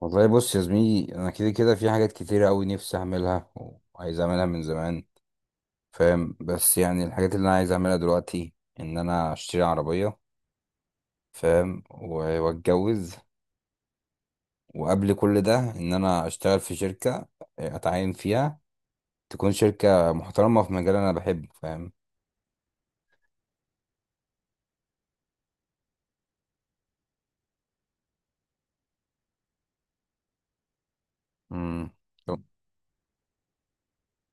والله بص يا زميلي، انا كده كده في حاجات كتيرة قوي نفسي اعملها، وعايز اعملها من زمان. فاهم؟ بس يعني الحاجات اللي انا عايز اعملها دلوقتي ان انا اشتري عربية. فاهم؟ واتجوز. وقبل كل ده ان انا اشتغل في شركة، اتعين فيها، تكون شركة محترمة في مجال انا بحبه. فاهم؟ امم. طب.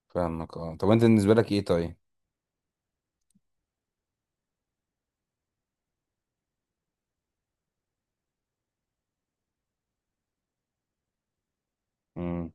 فاهمك، اه، طب انت بالنسبة لك ايه طيب؟ امم.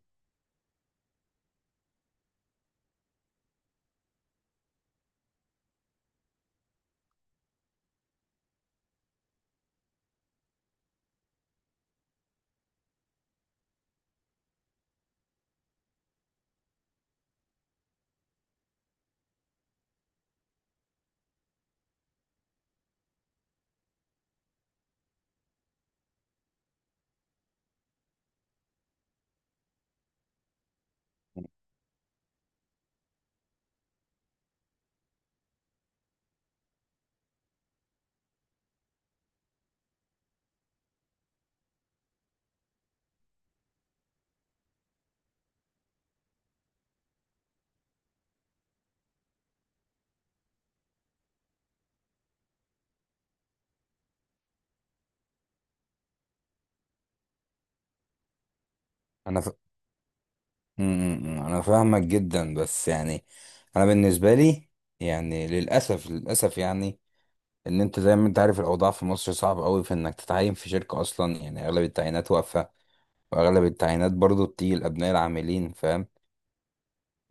انا ف... انا فاهمك جدا، بس يعني انا بالنسبة لي، يعني للأسف للأسف، يعني ان انت زي ما انت عارف الاوضاع في مصر صعب قوي في انك تتعين في شركه اصلا. يعني اغلب التعيينات واقفه، واغلب التعيينات برضو بتيجي لابناء العاملين. فاهم؟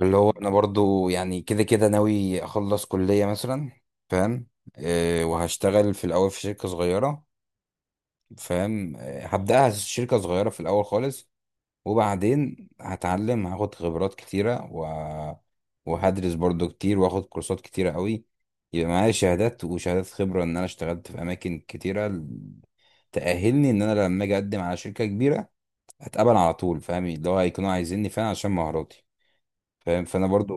اللي هو انا برضو يعني كده كده ناوي اخلص كليه مثلا. فاهم؟ أه، وهشتغل في الاول في شركه صغيره. فاهم؟ أه، هبداها شركه صغيره في الاول خالص، وبعدين هتعلم هاخد خبرات كتيره وهدرس برضو كتير، واخد كورسات كتيره قوي، يبقى معايا شهادات وشهادات خبرة إن أنا اشتغلت في أماكن كتيرة تأهلني ان انا لما اجي اقدم على شركة كبيرة هتقبل على طول. فاهم؟ اللي هو هيكونوا عايزيني فعلا عشان مهاراتي. فاهم؟ فانا برضو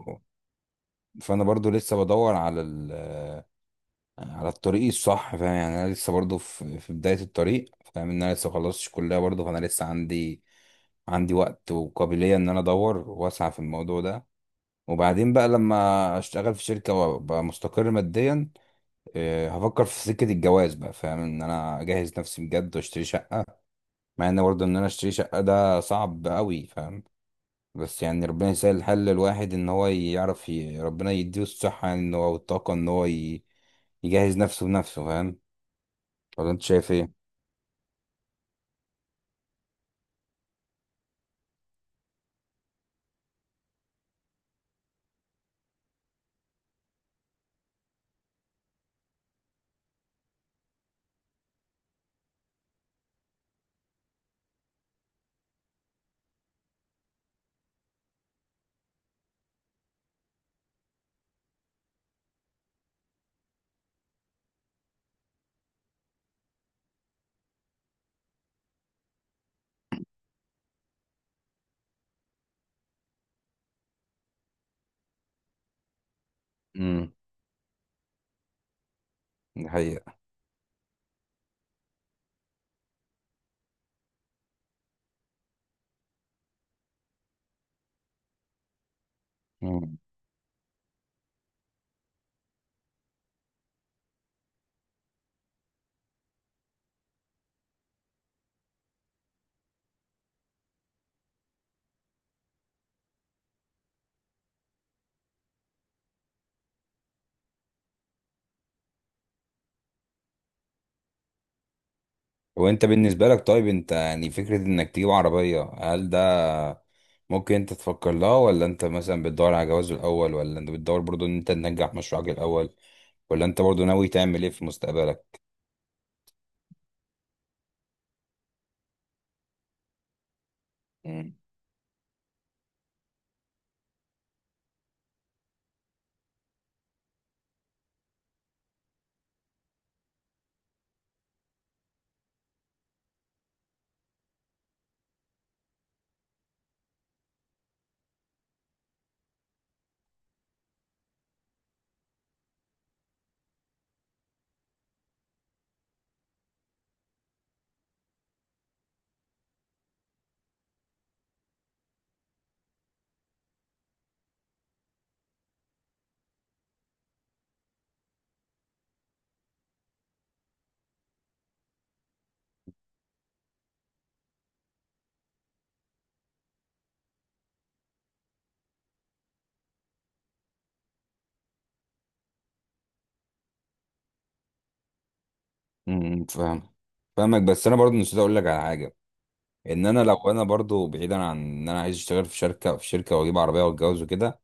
فانا برضو لسه بدور على الطريق الصح. فاهم؟ يعني انا لسه برضو في بداية الطريق. فاهم؟ ان انا لسه مخلصتش كلية برضو، فانا لسه عندي وقت وقابلية ان انا ادور واسعى في الموضوع ده. وبعدين بقى لما اشتغل في شركة وابقى مستقر ماديا، هفكر في سكة الجواز بقى. فاهم؟ ان انا اجهز نفسي بجد واشتري شقة، مع ان برضه ان انا اشتري شقة ده صعب قوي. فاهم؟ بس يعني ربنا يسهل الحل، الواحد ان هو يعرف ربنا يديه الصحة يعني، ان هو والطاقة ان هو يجهز نفسه بنفسه. فاهم؟ ولا انت شايف ايه؟ امم. دي حقيقة. امم. وانت بالنسبة لك طيب، انت يعني فكرة انك تجيب عربية، هل ده ممكن انت تفكر لها، ولا انت مثلا بتدور على جواز الاول، ولا انت بتدور برضو ان انت تنجح مشروعك الاول، ولا انت برضو ناوي تعمل ايه في مستقبلك؟ امم، فاهم. فاهمك، بس انا برضو نسيت اقول لك على حاجه. ان انا لو انا برضو بعيدا عن ان انا عايز اشتغل في شركه واجيب عربيه واتجوز وكده،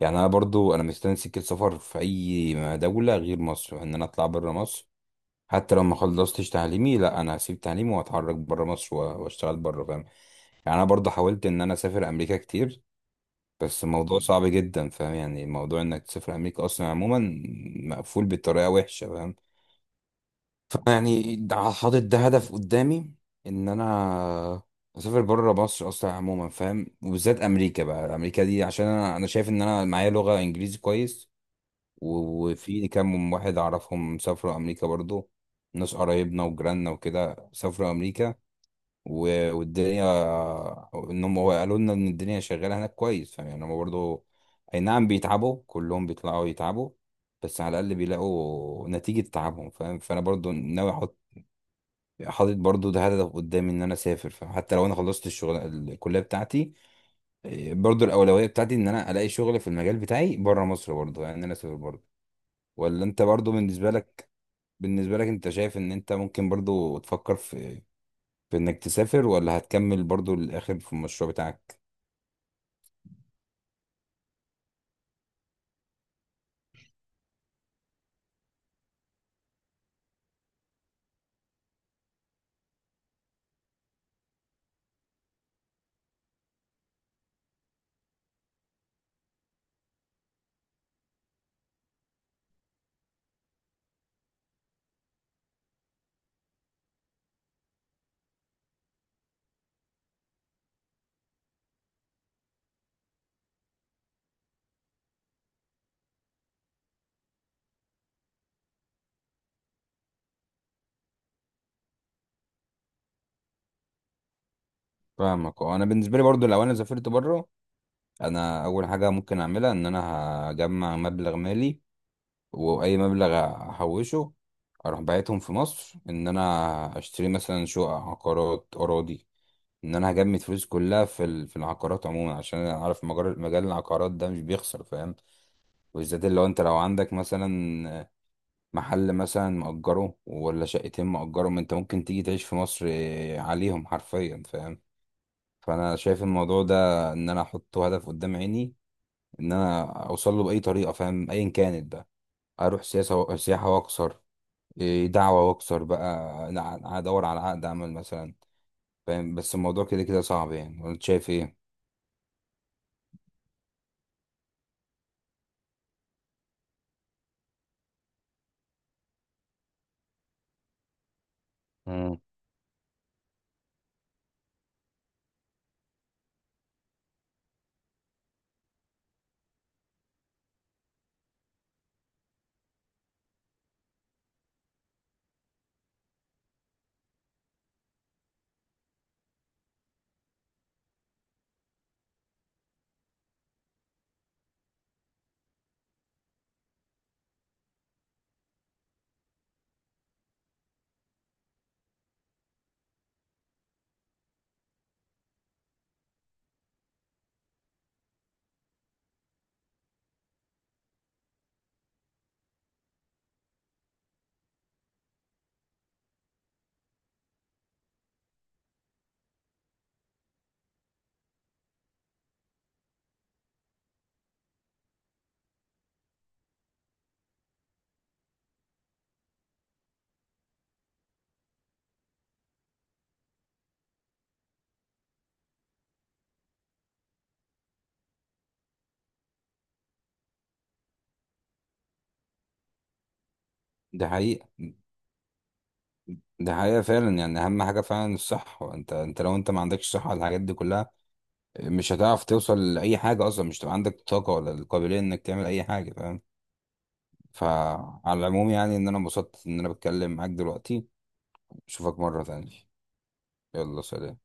يعني انا برضو انا مستني سكه سفر في اي دوله غير مصر، ان انا اطلع بره مصر. حتى لو ما خلصتش تعليمي لا، انا هسيب تعليمي واتحرك بره مصر واشتغل بره. فاهم؟ يعني انا برضو حاولت ان انا اسافر امريكا كتير، بس الموضوع صعب جدا. فاهم؟ يعني موضوع انك تسافر امريكا اصلا عموما مقفول بطريقه وحشه. فاهم؟ فيعني حاطط ده هدف قدامي ان انا اسافر بره مصر اصلا عموما. فاهم؟ وبالذات امريكا بقى، امريكا دي عشان انا شايف ان انا معايا لغه انجليزي كويس، وفي كام واحد اعرفهم سافروا امريكا برضو، ناس قرايبنا وجيراننا وكده سافروا امريكا، والدنيا، انهم هو قالوا لنا ان الدنيا شغاله هناك كويس. فاهم؟ يعني هم برضو اي نعم بيتعبوا، كلهم بيطلعوا يتعبوا، بس على الاقل بيلاقوا نتيجه تعبهم. فاهم؟ فانا برضو ناوي احط حاطط برضو ده هدف قدامي ان انا اسافر، فحتى لو انا خلصت الشغل الكليه بتاعتي، برضو الاولويه بتاعتي ان انا الاقي شغل في المجال بتاعي بره مصر برضو، يعني ان انا اسافر برضو. ولا انت برضو بالنسبه لك انت شايف ان انت ممكن برضو تفكر في انك تسافر، ولا هتكمل برضو للاخر في المشروع بتاعك؟ فاهمك، اه، انا بالنسبه لي برضو لو انا سافرت بره، انا اول حاجه ممكن اعملها ان انا هجمع مبلغ مالي، واي مبلغ احوشه اروح باعتهم في مصر، ان انا اشتري مثلا شقق عقارات اراضي، ان انا هجمد فلوس كلها في العقارات عموما، عشان انا عارف مجال العقارات ده مش بيخسر. فاهم؟ وبالذات اللي هو انت لو عندك مثلا محل مثلا مأجره، ولا شقتين مأجرهم، انت ممكن تيجي تعيش في مصر عليهم حرفيا. فاهم؟ فانا شايف الموضوع ده، ان انا احط هدف قدام عيني ان انا اوصل له باي طريقه. فاهم؟ ايا كانت بقى، اروح سياسه سياحه واكسر، إيه دعوة، واكسر بقى، أنا هدور على عقد عمل مثلا. فاهم؟ بس الموضوع كده كده صعب، يعني وانت شايف ايه؟ مم. ده حقيقة. ده حقيقة فعلا، يعني أهم حاجة فعلا الصحة. أنت لو أنت ما عندكش صحة على الحاجات دي كلها مش هتعرف توصل لأي حاجة أصلا، مش هتبقى عندك طاقة ولا القابلية إنك تعمل أي حاجة. فاهم؟ فعلى العموم، يعني إن أنا انبسطت إن أنا بتكلم معاك دلوقتي. أشوفك مرة تانية. يلا سلام.